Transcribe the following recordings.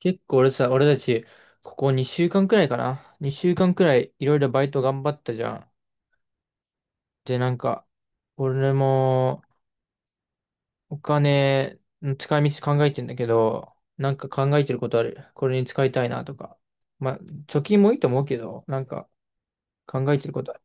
結構俺たち、ここ2週間くらいかな。2週間くらいいろいろバイト頑張ったじゃん。で、なんか、俺もお金の使い道考えてんだけど、なんか考えてることある？これに使いたいなとか。まあ、貯金もいいと思うけど、なんか考えてることある？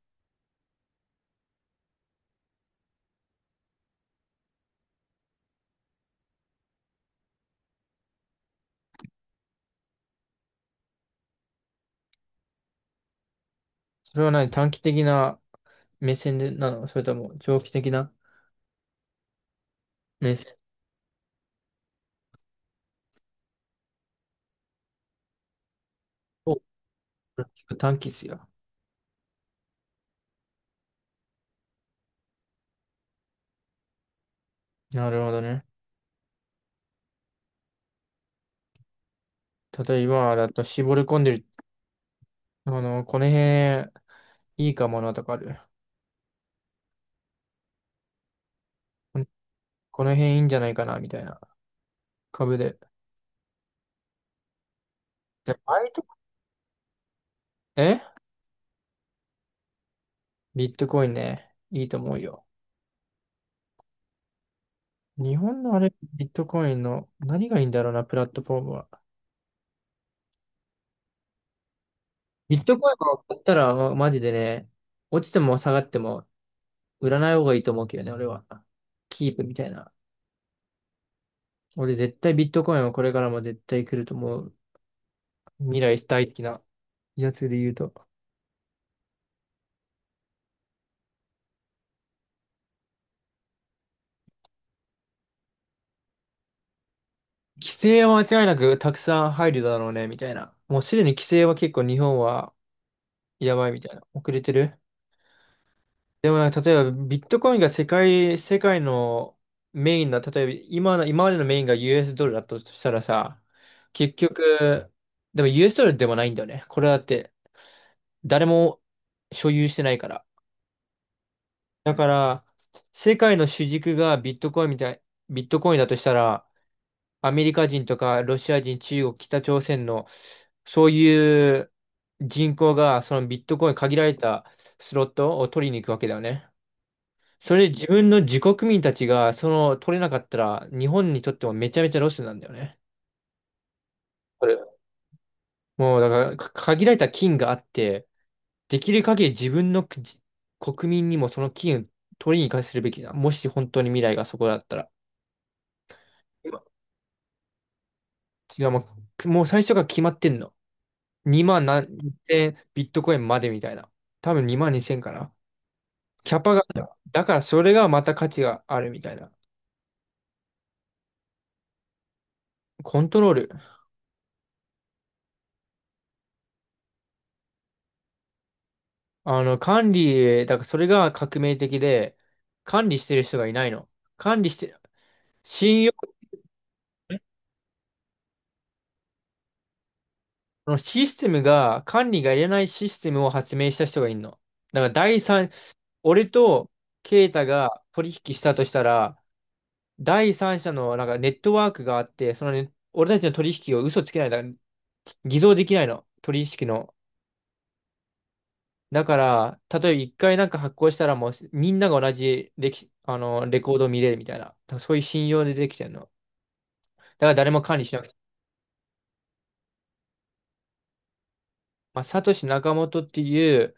それは何、短期的な目線でなの？それとも長期的な目線？お、短期っすよ。なるほどね。例えば、だと絞り込んでる、あの、この辺いいかもなとかある？この辺いいんじゃないかな、みたいな。株で。で、バイト、えビットコインね。いいと思うよ。日本のあれ、ビットコインの何がいいんだろうな、プラットフォームは。ビットコインを買ったら、マジでね、落ちても下がっても売らない方がいいと思うけどね、俺は。キープみたいな。俺絶対ビットコインはこれからも絶対来ると思う。未来大好きなやつで言うと。規制は間違いなくたくさん入るだろうね、みたいな。もうすでに規制は結構日本はやばいみたいな。遅れてる。でもなんか例えばビットコインが世界のメインの、例えば今の、今までのメインが US ドルだとしたらさ、結局、でも US ドルでもないんだよね。これだって誰も所有してないから。だから、世界の主軸がビットコインみたい、ビットコインだとしたら、アメリカ人とかロシア人、中国、北朝鮮の、そういう人口がそのビットコイン限られたスロットを取りに行くわけだよね。それで自分の自国民たちが、その、取れなかったら、日本にとってもめちゃめちゃロスなんだよね。これもう、だから、限られた金があって、できる限り自分の国民にもその金を取りに行かせるべきだ。もし本当に未来がそこだったら。今違う、もう最初から決まってんの。2万何千ビットコインまでみたいな。多分2万2千かな。キャパがある、だからそれがまた価値があるみたいな。コントロール。管理、だからそれが革命的で、管理してる人がいないの。管理して、信用、そのシステムが、管理がいらないシステムを発明した人がいるの。だから第三、俺とケイタが取引したとしたら、第三者のなんかネットワークがあって、そのね、俺たちの取引を嘘つけないだ、偽造できないの。取引の。だから、例えば一回なんか発行したらもうみんなが同じレキ、あの、レコードを見れるみたいな。だからそういう信用でできてるの。だから誰も管理しなくて。まあ、サトシ・ナカモトっていう、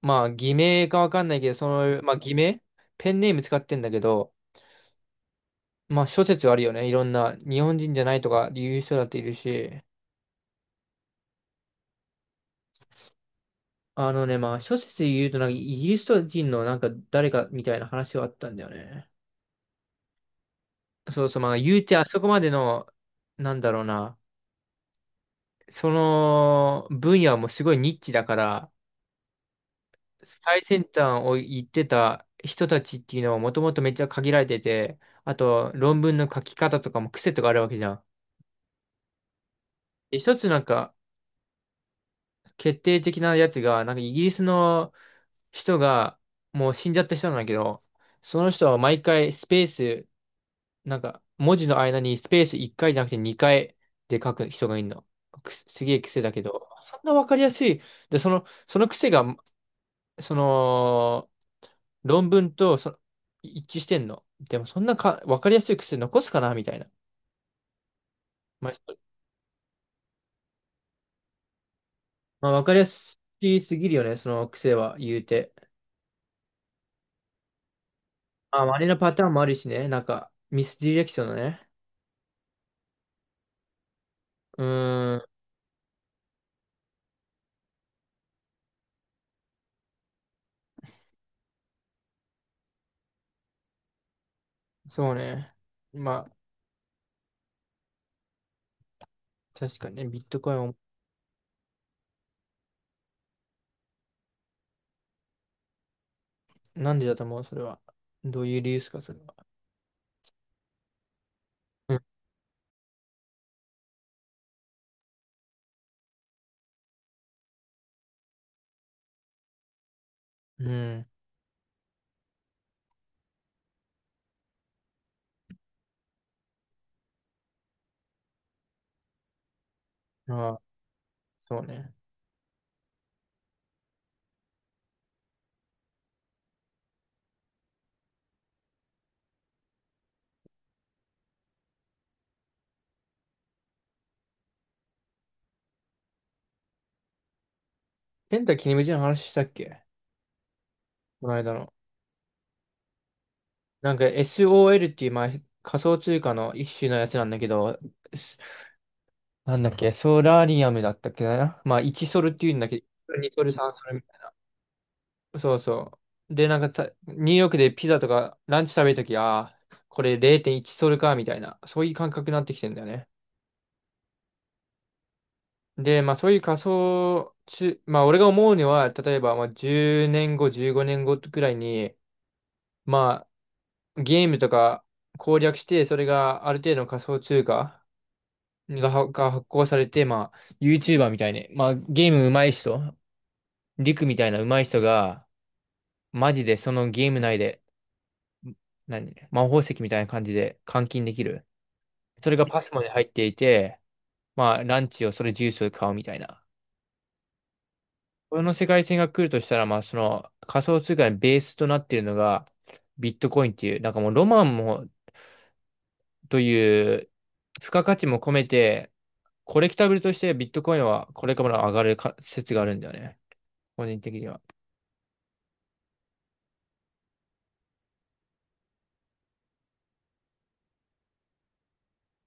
まあ、偽名かわかんないけど、その、まあ、偽名ペンネーム使ってんだけど、まあ、諸説あるよね。いろんな、日本人じゃないとか言う人だっているし、あのね、まあ、諸説で言うと、なんかイギリス人のなんか誰かみたいな話はあったんだよね。そうそう、まあ、言うてあそこまでの、なんだろうな。その分野もすごいニッチだから、最先端を行ってた人たちっていうのはもともとめっちゃ限られてて、あと論文の書き方とかも癖とかあるわけじゃん。で一つなんか決定的なやつが、なんかイギリスの人が、もう死んじゃった人なんだけど、その人は毎回スペース、なんか文字の間にスペース1回じゃなくて2回で書く人がいるの。すげえ癖だけど、そんなわかりやすい。で、その癖がその、論文と一致してんの。でもそんな分かりやすい癖残すかなみたいな。まあ、ひまあ、分かりやすすぎるよね、その癖は言うて。まあ、真似のパターンもあるしね、なんかミスディレクションのね。うーん、そうね。まあ、確かにね、ビットコインを、なんでだと思う、それは。どういう理由ですか、それは。うん。うん。ああ、そうね。ペンタキリムジの話したっけ、この間の。なんか SOL っていう、まあ、仮想通貨の一種のやつなんだけど、すなんだっけ、ソラリアムだったっけな。まあ、1ソルっていうんだけど、2ソル、3ソルみたいな。そうそう。で、なんかニューヨークでピザとかランチ食べるとき、ああ、これ0.1ソルか、みたいな、そういう感覚になってきてんだよね。で、まあ、そういう仮想通、まあ、俺が思うには、例えば、まあ、10年後、15年後くらいに、まあ、ゲームとか攻略して、それがある程度の仮想通貨、が発行されて、まあ、YouTuber みたいに、まあ、ゲーム上手い人、リクみたいな上手い人が、マジでそのゲーム内で、何、魔法石みたいな感じで換金できる。それがパスモに入っていて、まあ、ランチをそれジュースを買うみたいな。この世界線が来るとしたら、まあ、その仮想通貨のベースとなっているのが、ビットコインっていう、なんかもうロマンも、という、付加価値も込めて、コレクタブルとしてビットコインはこれからも上がるか説があるんだよね。個人的には。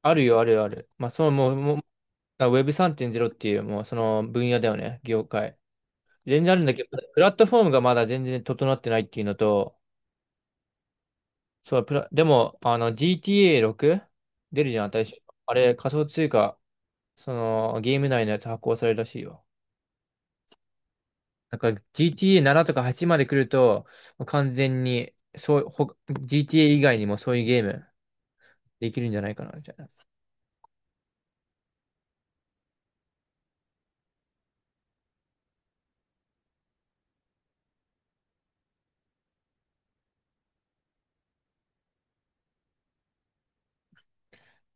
あるよ、あるよ、ある。まあ、そのもう、もう、あ Web3.0 っていう、もうその分野だよね、業界。全然あるんだけど、プラットフォームがまだ全然整ってないっていうのと、そう、でも、あの、GTA6 出るじゃん、新しい。あれ、仮想通貨、その、ゲーム内のやつ発行されるらしいよ。なんか GTA7 とか8まで来ると、完全に、そう、GTA 以外にもそういうゲームできるんじゃないかな、みたいな。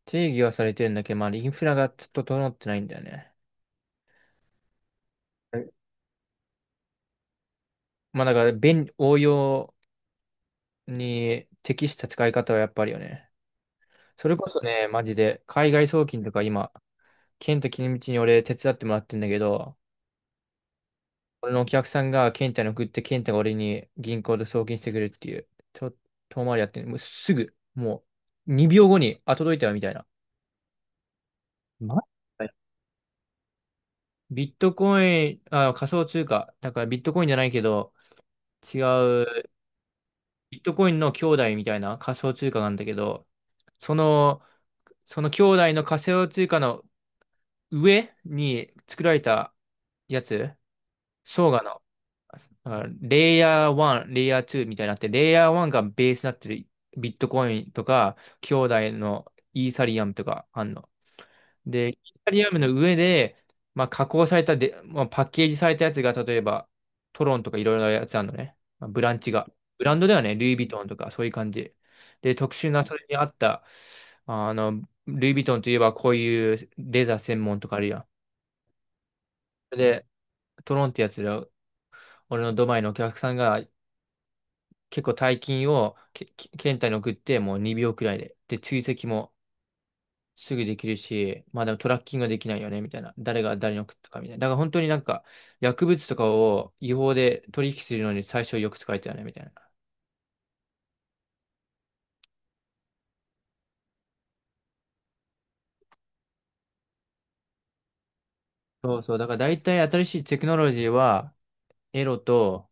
定義はされてるんだけど、まあ、インフラがちょっと整ってないんだよね。まあだから応用に適した使い方はやっぱりよね。それこそね、マジで、海外送金とか今、ケンタ君道に俺手伝ってもらってんだけど、俺のお客さんがケンタに送って、ケンタが俺に銀行で送金してくれるっていう、ちょっと遠回りやってる。もうすぐ、もう2秒後に、あ、届いたよみたいな。まビットコイン、あ、仮想通貨、だからビットコインじゃないけど、違うビットコインの兄弟みたいな仮想通貨なんだけど、その、その兄弟の仮想通貨の上に作られたやつ、相がの、あレイヤー1、レイヤー2みたいになって、レイヤー1がベースになってるビットコインとか、兄弟のイーサリアムとかあんの。で、イタリアムの上で、まあ、加工されたで、まあ、パッケージされたやつが、例えば、トロンとかいろいろなやつあるのね。まあ、ブランチが。ブランドではね、ルイ・ヴィトンとか、そういう感じ。で、特殊な、それに合った、あの、ルイ・ヴィトンといえば、こういうレザー専門とかあるやん。で、トロンってやつで、俺のドバイのお客さんが、結構大金を検体に送って、もう2秒くらいで。で、追跡も、すぐできるし、まあでもトラッキングはできないよね、みたいな。誰が誰に送ったかみたいな。だから本当になんか、薬物とかを違法で取引するのに最初よく使えたよね、みたいな。そうそう。だから大体新しいテクノロジーは、エロと、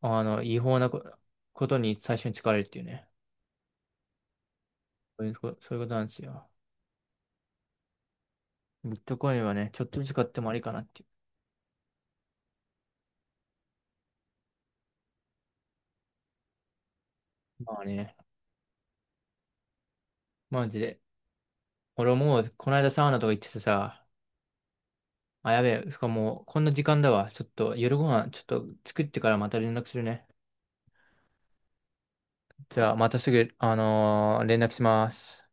あの、違法なことに最初に使われるっていうね。そういうことなんですよ。ビットコインはね、ちょっとずつ買ってもありかなっていう。まあね、マジで。俺もう、この間サウナとか行っててさ、あ、やべえ、しかも、こんな時間だわ。ちょっと、夜ご飯、ちょっと作ってからまた連絡するね。じゃあ、またすぐ、連絡します。